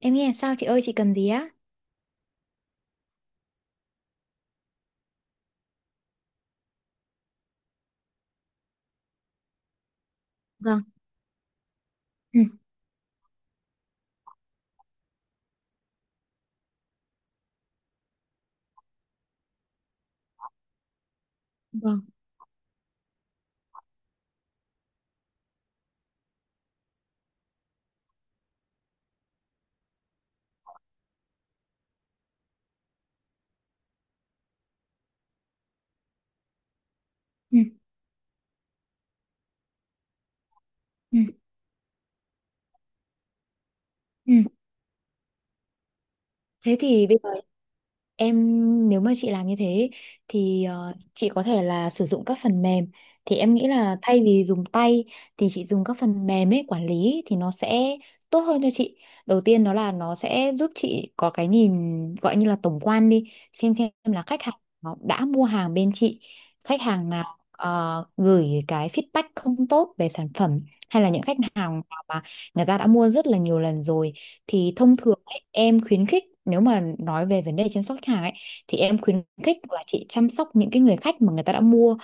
Em nghe sao chị ơi chị cần gì á? Vâng, ừ, vâng, ừ, ừ, ừ. Thế thì bây giờ em Nếu mà chị làm như thế thì chị có thể là sử dụng các phần mềm, thì em nghĩ là thay vì dùng tay thì chị dùng các phần mềm ấy quản lý thì nó sẽ tốt hơn cho chị. Đầu tiên đó là nó sẽ giúp chị có cái nhìn gọi như là tổng quan đi, xem là khách hàng nó đã mua hàng bên chị, khách hàng nào gửi cái feedback không tốt về sản phẩm, hay là những khách hàng nào mà người ta đã mua rất là nhiều lần rồi. Thì thông thường ấy, em khuyến khích nếu mà nói về vấn đề chăm sóc khách hàng ấy, thì em khuyến khích là chị chăm sóc những cái người khách mà người ta đã mua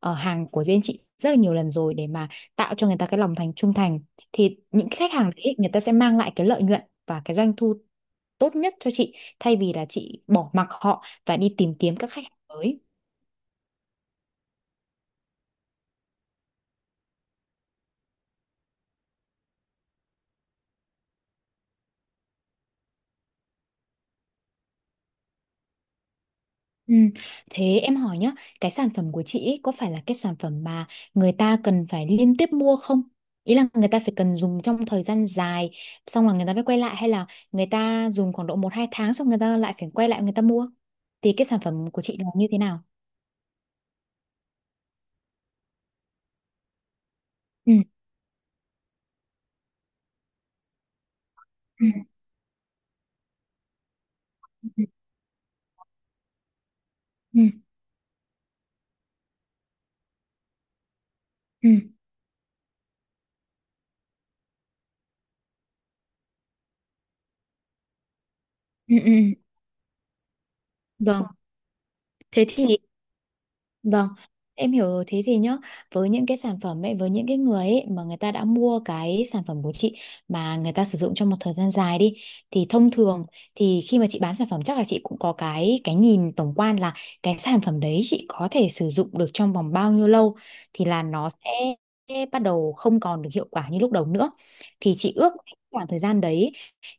hàng của bên chị rất là nhiều lần rồi, để mà tạo cho người ta cái lòng thành trung thành. Thì những cái khách hàng đấy người ta sẽ mang lại cái lợi nhuận và cái doanh thu tốt nhất cho chị, thay vì là chị bỏ mặc họ và đi tìm kiếm các khách hàng mới. Ừ. Thế em hỏi nhá, cái sản phẩm của chị ý, có phải là cái sản phẩm mà người ta cần phải liên tiếp mua không? Ý là người ta phải cần dùng trong thời gian dài, xong là người ta mới quay lại, hay là người ta dùng khoảng độ một hai tháng xong người ta lại phải quay lại người ta mua? Thì cái sản phẩm của chị là như thế nào? Ừ. Ừ. Ừ. Ừ. Ừ. Ừ. Ừ. Vâng, thế thì vâng, em hiểu rồi. Thế thì nhá, với những cái sản phẩm ấy, với những cái người ấy mà người ta đã mua cái sản phẩm của chị mà người ta sử dụng trong một thời gian dài đi, thì thông thường thì khi mà chị bán sản phẩm chắc là chị cũng có cái nhìn tổng quan là cái sản phẩm đấy chị có thể sử dụng được trong vòng bao nhiêu lâu thì là nó sẽ bắt đầu không còn được hiệu quả như lúc đầu nữa. Thì chị ước khoảng thời gian đấy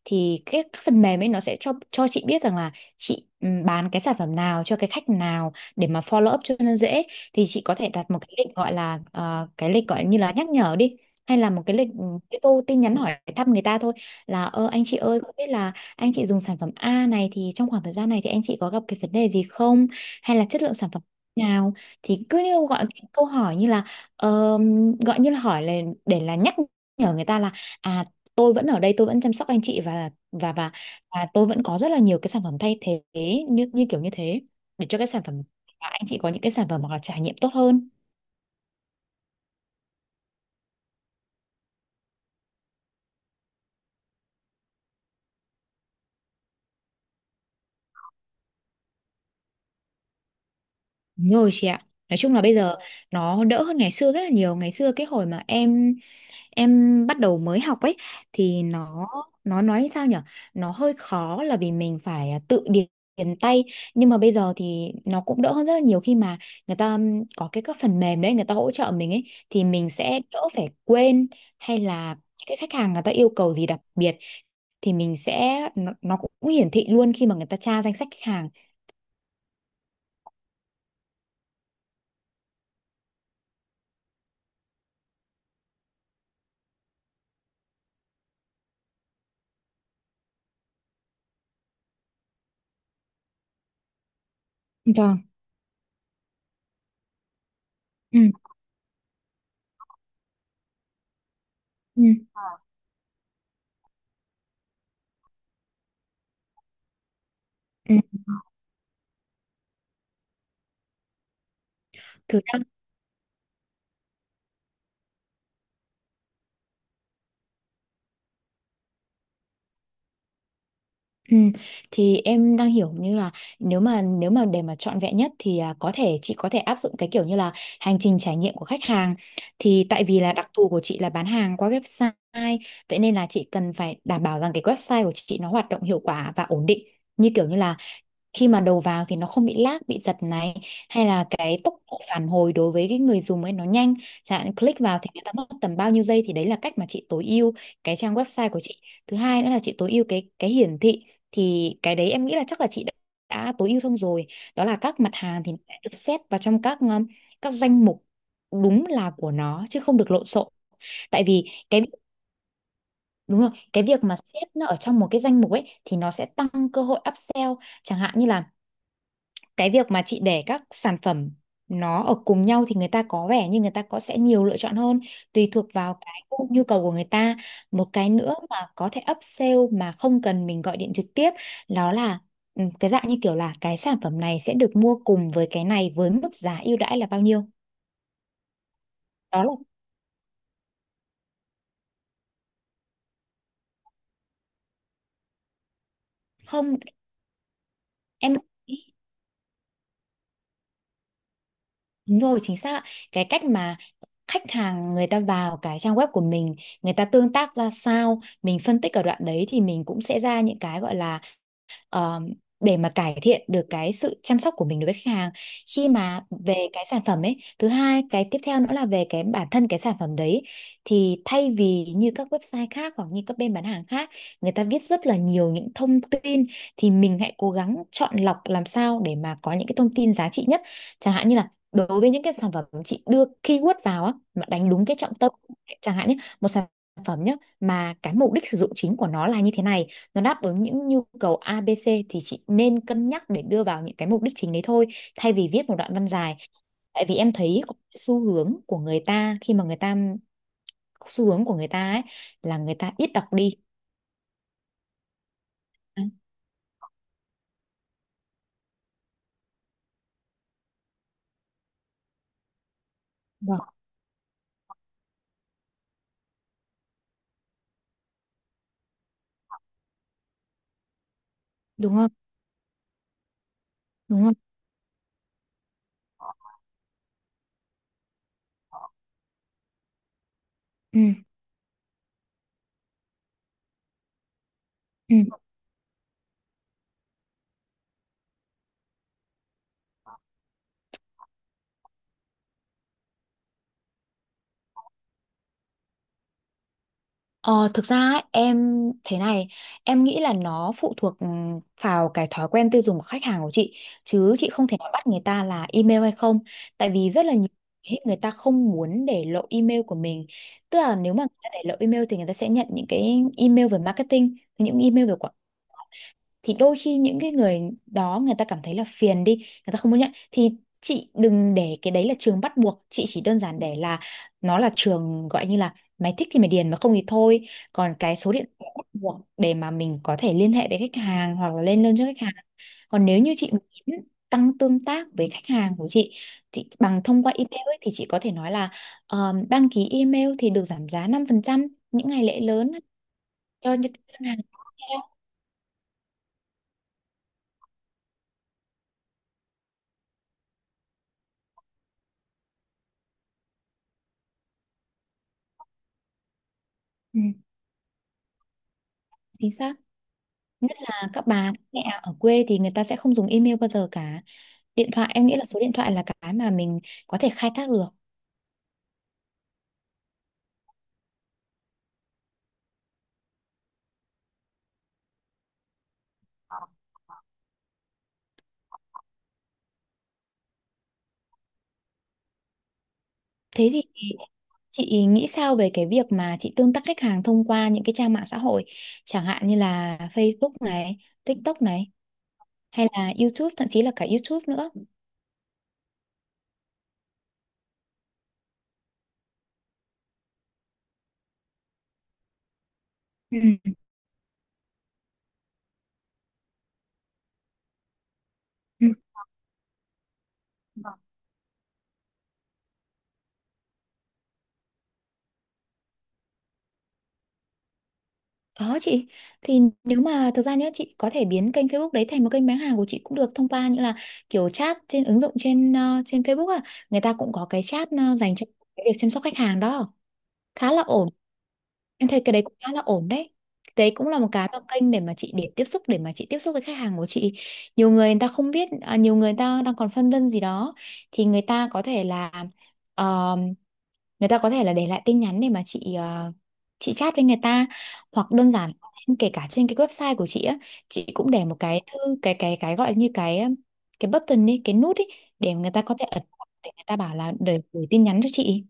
thì cái phần mềm ấy nó sẽ cho chị biết rằng là chị ừ, bán cái sản phẩm nào cho cái khách nào để mà follow up cho nó dễ. Thì chị có thể đặt một cái lịch gọi là cái lịch gọi như là nhắc nhở đi, hay là một cái lịch ừ, cái câu tin nhắn hỏi thăm người ta thôi, là ơ anh chị ơi không biết là anh chị dùng sản phẩm A này thì trong khoảng thời gian này thì anh chị có gặp cái vấn đề gì không, hay là chất lượng sản phẩm nào. Thì cứ như gọi cái câu hỏi như là ờ, gọi như là hỏi là để là nhắc nhở người ta là à, tôi vẫn ở đây tôi vẫn chăm sóc anh chị và và tôi vẫn có rất là nhiều cái sản phẩm thay thế, như như kiểu như thế, để cho cái sản phẩm và anh chị có những cái sản phẩm hoặc là trải nghiệm tốt hơn. Đúng rồi chị ạ, nói chung là bây giờ nó đỡ hơn ngày xưa rất là nhiều. Ngày xưa cái hồi mà em bắt đầu mới học ấy thì nó nói sao nhở, nó hơi khó là vì mình phải à, tự điền, điền tay, nhưng mà bây giờ thì nó cũng đỡ hơn rất là nhiều khi mà người ta có cái các phần mềm đấy người ta hỗ trợ mình ấy, thì mình sẽ đỡ phải quên, hay là cái khách hàng người ta yêu cầu gì đặc biệt thì mình sẽ nó cũng hiển thị luôn khi mà người ta tra danh sách khách hàng. Vâng. Ừ, ừ, ừ. Thực ra ừ. Thì em đang hiểu như là nếu mà để mà trọn vẹn nhất thì à, có thể chị có thể áp dụng cái kiểu như là hành trình trải nghiệm của khách hàng, thì tại vì là đặc thù của chị là bán hàng qua website, vậy nên là chị cần phải đảm bảo rằng cái website của chị nó hoạt động hiệu quả và ổn định. Như kiểu như là khi mà đầu vào thì nó không bị lag bị giật này, hay là cái tốc độ phản hồi đối với cái người dùng ấy nó nhanh, chẳng hạn click vào thì người ta mất tầm bao nhiêu giây, thì đấy là cách mà chị tối ưu cái trang website của chị. Thứ hai nữa là chị tối ưu cái hiển thị, thì cái đấy em nghĩ là chắc là chị đã tối ưu xong rồi, đó là các mặt hàng thì nó sẽ được xét vào trong các danh mục đúng là của nó chứ không được lộn xộn. Tại vì cái đúng rồi, cái việc mà xếp nó ở trong một cái danh mục ấy thì nó sẽ tăng cơ hội upsell. Chẳng hạn như là cái việc mà chị để các sản phẩm nó ở cùng nhau thì người ta có vẻ như người ta có sẽ nhiều lựa chọn hơn, tùy thuộc vào cái nhu cầu của người ta. Một cái nữa mà có thể upsell mà không cần mình gọi điện trực tiếp, đó là ừ, cái dạng như kiểu là cái sản phẩm này sẽ được mua cùng với cái này với mức giá ưu đãi là bao nhiêu. Đó là Không em, đúng rồi, chính xác ạ. Cái cách mà khách hàng người ta vào cái trang web của mình, người ta tương tác ra sao, mình phân tích ở đoạn đấy thì mình cũng sẽ ra những cái gọi là ờ, để mà cải thiện được cái sự chăm sóc của mình đối với khách hàng khi mà về cái sản phẩm ấy. Thứ hai, cái tiếp theo nữa là về cái bản thân cái sản phẩm đấy, thì thay vì như các website khác hoặc như các bên bán hàng khác người ta viết rất là nhiều những thông tin, thì mình hãy cố gắng chọn lọc làm sao để mà có những cái thông tin giá trị nhất. Chẳng hạn như là đối với những cái sản phẩm chị đưa keyword vào á mà đánh đúng cái trọng tâm, chẳng hạn nhé, một sản phẩm nhé mà cái mục đích sử dụng chính của nó là như thế này, nó đáp ứng những nhu cầu ABC, thì chị nên cân nhắc để đưa vào những cái mục đích chính đấy thôi, thay vì viết một đoạn văn dài. Tại vì em thấy có xu hướng của người ta khi mà người ta xu hướng của người ta ấy là người ta ít đọc đi. Đấy, đúng không, đúng không, đúng không, ừ. Ừ. Ờ, thực ra ấy, em thế này, em nghĩ là nó phụ thuộc vào cái thói quen tiêu dùng của khách hàng của chị, chứ chị không thể nói bắt người ta là email hay không. Tại vì rất là nhiều khi người ta không muốn để lộ email của mình, tức là nếu mà người ta để lộ email thì người ta sẽ nhận những cái email về marketing, những email về quảng, thì đôi khi những cái người đó người ta cảm thấy là phiền đi, người ta không muốn nhận, thì chị đừng để cái đấy là trường bắt buộc, chị chỉ đơn giản để là nó là trường gọi như là mày thích thì mày điền mà không thì thôi. Còn cái số điện thoại bắt buộc để mà mình có thể liên hệ với khách hàng hoặc là lên đơn cho khách hàng. Còn nếu như chị muốn tăng tương tác với khách hàng của chị thì bằng thông qua email ấy, thì chị có thể nói là đăng ký email thì được giảm giá 5% những ngày lễ lớn, cho những ngân hàng tiếp theo. Ừ, chính xác. Nhất là các bà các mẹ ở quê thì người ta sẽ không dùng email bao giờ cả. Điện thoại em nghĩ là số điện thoại là cái mà mình có thể khai thác được. Thế thì chị nghĩ sao về cái việc mà chị tương tác khách hàng thông qua những cái trang mạng xã hội, chẳng hạn như là Facebook này, TikTok này, hay là YouTube, thậm chí là cả YouTube nữa. Ừ. Ừ. Có chị, thì nếu mà thực ra nhé chị có thể biến kênh Facebook đấy thành một kênh bán hàng của chị cũng được, thông qua như là kiểu chat trên ứng dụng trên trên Facebook à, người ta cũng có cái chat dành cho cái việc chăm sóc khách hàng đó, khá là ổn. Em thấy cái đấy cũng khá là ổn đấy. Đấy cũng là một cái mà kênh để mà chị tiếp xúc với khách hàng của chị. Nhiều người người ta không biết, à, nhiều người ta đang còn phân vân gì đó thì người ta có thể là ờ, người ta có thể là để lại tin nhắn để mà chị chị chat với người ta, hoặc đơn giản kể cả trên cái website của chị á, chị cũng để một cái thư cái cái gọi như cái button đi, cái nút ý, để người ta có thể ấn vào để người ta bảo là để gửi tin nhắn cho chị.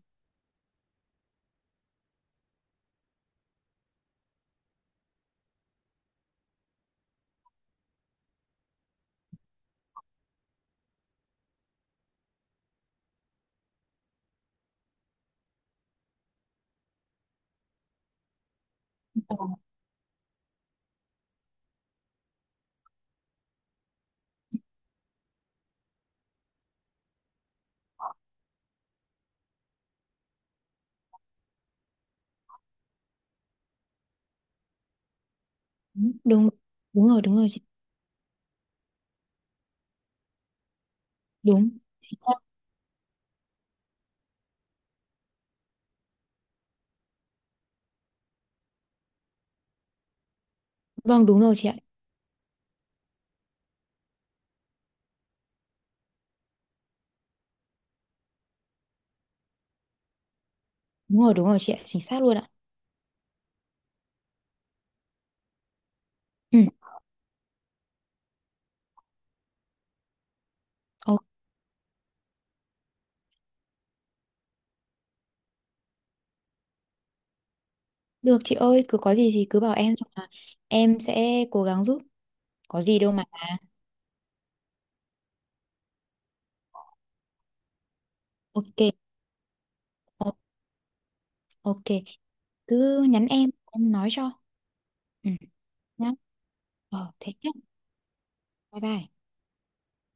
Đúng, đúng, đúng rồi chị. Đúng. Vâng đúng rồi chị ạ. Đúng rồi chị ạ. Chính xác luôn ạ. Ừ. Ồ, được chị ơi. Cứ có gì thì cứ bảo em. Là em sẽ cố gắng giúp. Có gì đâu mà. Ok. O- ok. Cứ nhắn em. Em nói cho. Ừ. Nhá. Ờ thế nhá. Bye bye.